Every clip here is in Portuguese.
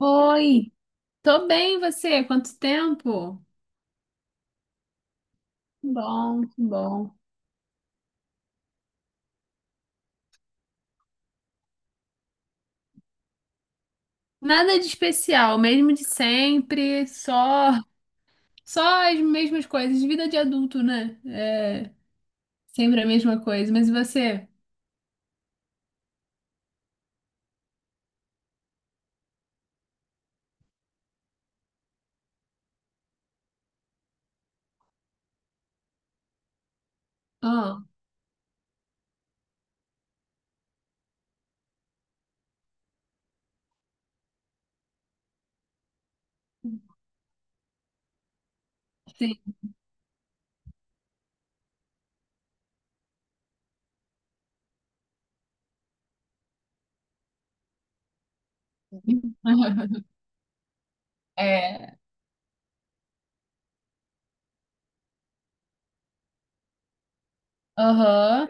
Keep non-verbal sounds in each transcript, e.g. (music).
Oi, tô bem, e você? Quanto tempo? Que bom, que bom. Nada de especial, mesmo de sempre, só as mesmas coisas, vida de adulto, né? Sempre a mesma coisa. Mas e você? Ah, sim. (laughs) É, aham.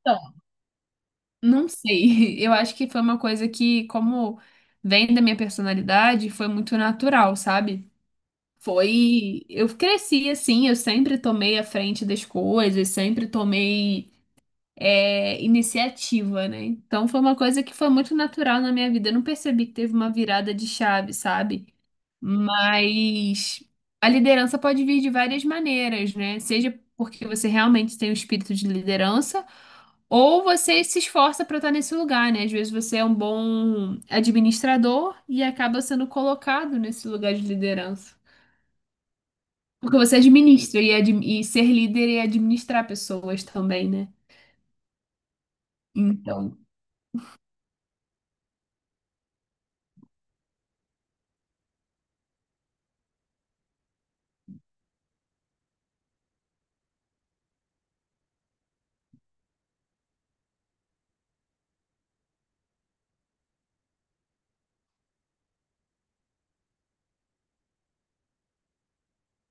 Então, não sei. (laughs) Eu acho que foi uma coisa que, como vem da minha personalidade, foi muito natural, sabe? Foi. Eu cresci assim, eu sempre tomei a frente das coisas, sempre tomei iniciativa, né? Então foi uma coisa que foi muito natural na minha vida. Eu não percebi que teve uma virada de chave, sabe? Mas a liderança pode vir de várias maneiras, né? Seja porque você realmente tem o espírito de liderança, ou você se esforça para estar nesse lugar, né? Às vezes você é um bom administrador e acaba sendo colocado nesse lugar de liderança. Porque você administra e, e ser líder é administrar pessoas também, né? Então,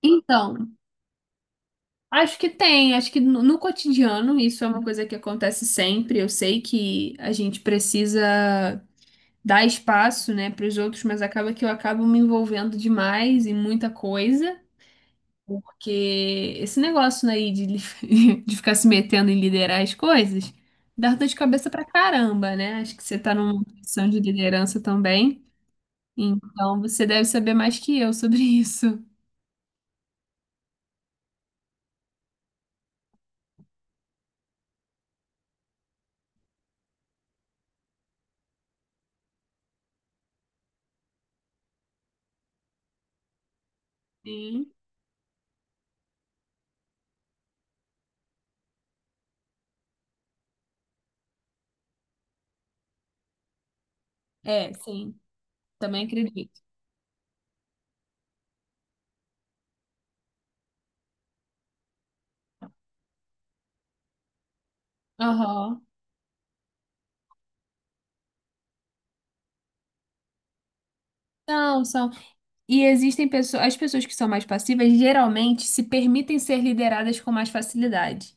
então, acho que tem, acho que no cotidiano isso é uma coisa que acontece sempre. Eu sei que a gente precisa dar espaço, né, para os outros, mas acaba que eu acabo me envolvendo demais em muita coisa, porque esse negócio né, aí de, (laughs) de ficar se metendo em liderar as coisas dá dor de cabeça pra caramba, né? Acho que você tá numa posição de liderança também. Então você deve saber mais que eu sobre (laughs) isso. Sim. É, sim. Também acredito. Aham. São, são. E existem pessoas, as pessoas que são mais passivas geralmente se permitem ser lideradas com mais facilidade.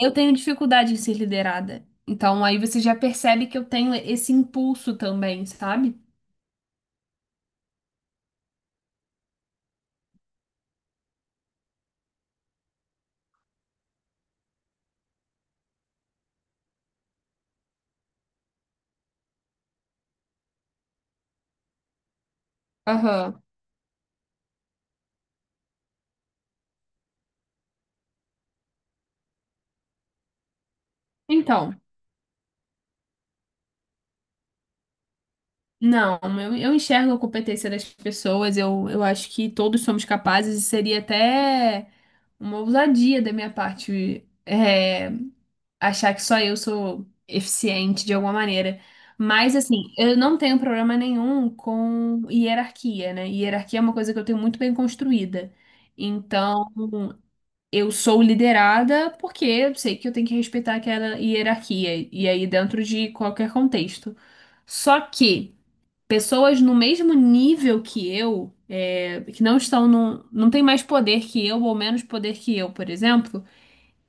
Eu tenho dificuldade em ser liderada. Então aí você já percebe que eu tenho esse impulso também, sabe? Aham. Então. Não, eu enxergo a competência das pessoas, eu acho que todos somos capazes e seria até uma ousadia da minha parte achar que só eu sou eficiente de alguma maneira. Mas, assim, eu não tenho problema nenhum com hierarquia, né? Hierarquia é uma coisa que eu tenho muito bem construída. Então, eu sou liderada porque eu sei que eu tenho que respeitar aquela hierarquia, e aí dentro de qualquer contexto. Só que pessoas no mesmo nível que eu, que não estão num, não tem mais poder que eu ou menos poder que eu, por exemplo,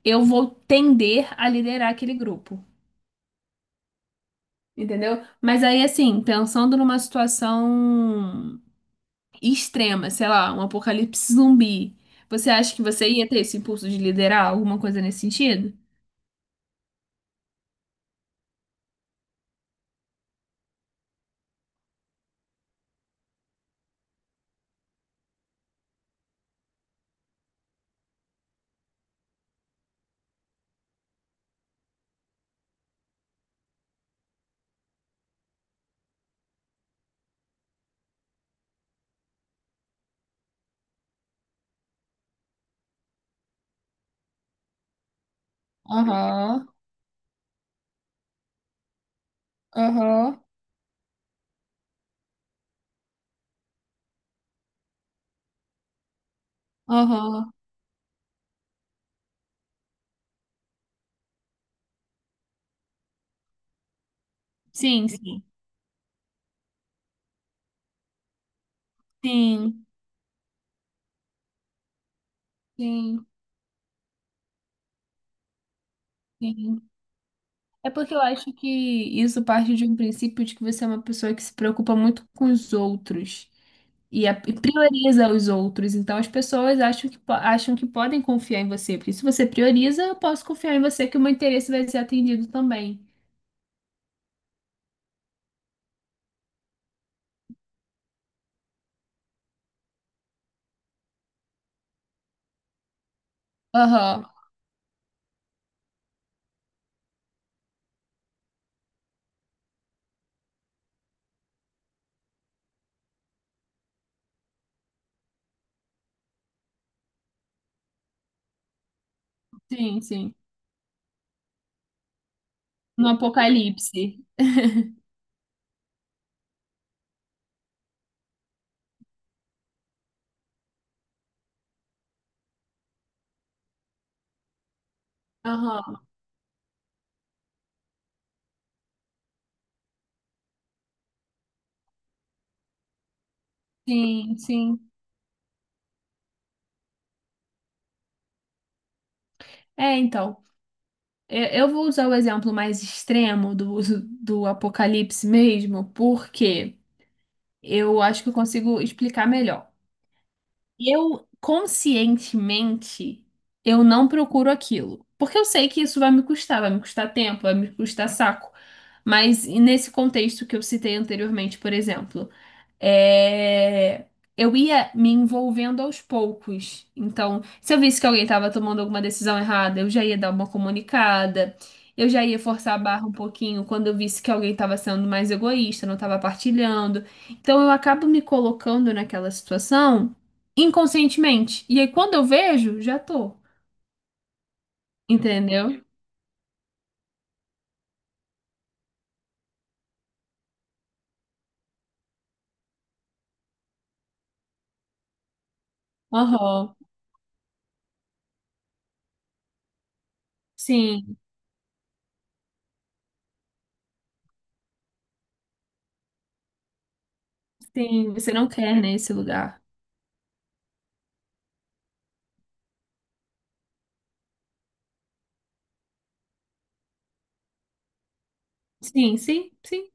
eu vou tender a liderar aquele grupo, entendeu? Mas aí, assim, pensando numa situação extrema, sei lá, um apocalipse zumbi, você acha que você ia ter esse impulso de liderar alguma coisa nesse sentido? Aham, aham. Aham. Sim, sim. Sim, sim, sim. É porque eu acho que isso parte de um princípio de que você é uma pessoa que se preocupa muito com os outros e, e prioriza os outros. Então as pessoas acham que, acham que podem confiar em você, porque se você prioriza, eu posso confiar em você que o meu interesse vai ser atendido também. Aham, sim, sim. No apocalipse. Aham, sim, sim. É, então. Eu vou usar o exemplo mais extremo do uso do apocalipse mesmo, porque eu acho que eu consigo explicar melhor. Eu conscientemente eu não procuro aquilo, porque eu sei que isso vai me custar tempo, vai me custar saco. Mas e nesse contexto que eu citei anteriormente, por exemplo, é, eu ia me envolvendo aos poucos. Então, se eu visse que alguém estava tomando alguma decisão errada, eu já ia dar uma comunicada, eu já ia forçar a barra um pouquinho quando eu visse que alguém estava sendo mais egoísta, não estava partilhando. Então, eu acabo me colocando naquela situação inconscientemente. E aí, quando eu vejo, já tô. Entendeu? Aham. Sim, sim. Você não quer, né, esse lugar. Sim, sim, sim.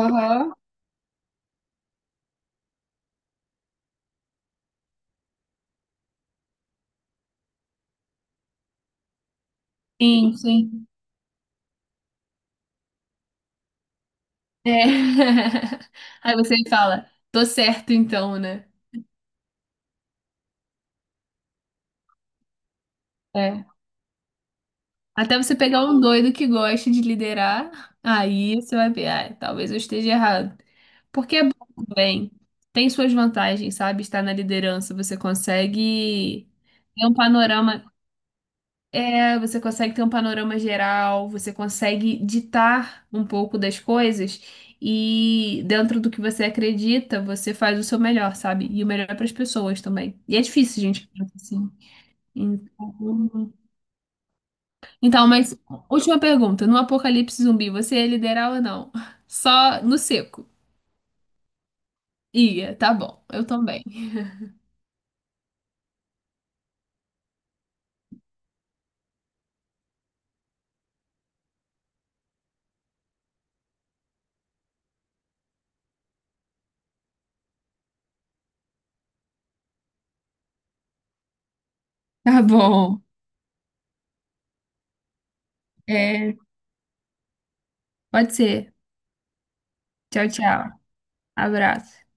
Aham. Sim, sim. É. (laughs) Aí você fala, tô certo então, né? É. Até você pegar um doido que gosta de liderar, aí você vai ver, ah, talvez eu esteja errado. Porque é bom também. Tem suas vantagens, sabe? Estar na liderança, você consegue ter um panorama. É, você consegue ter um panorama geral, você consegue ditar um pouco das coisas e dentro do que você acredita, você faz o seu melhor, sabe? E o melhor para as pessoas também. E é difícil, gente, assim. Então, então, mas última pergunta, no apocalipse zumbi, você ia liderar ou não? Só no seco. Ia, tá bom. Eu também. (laughs) Tá bom. É, pode ser. Tchau, tchau. Abraço.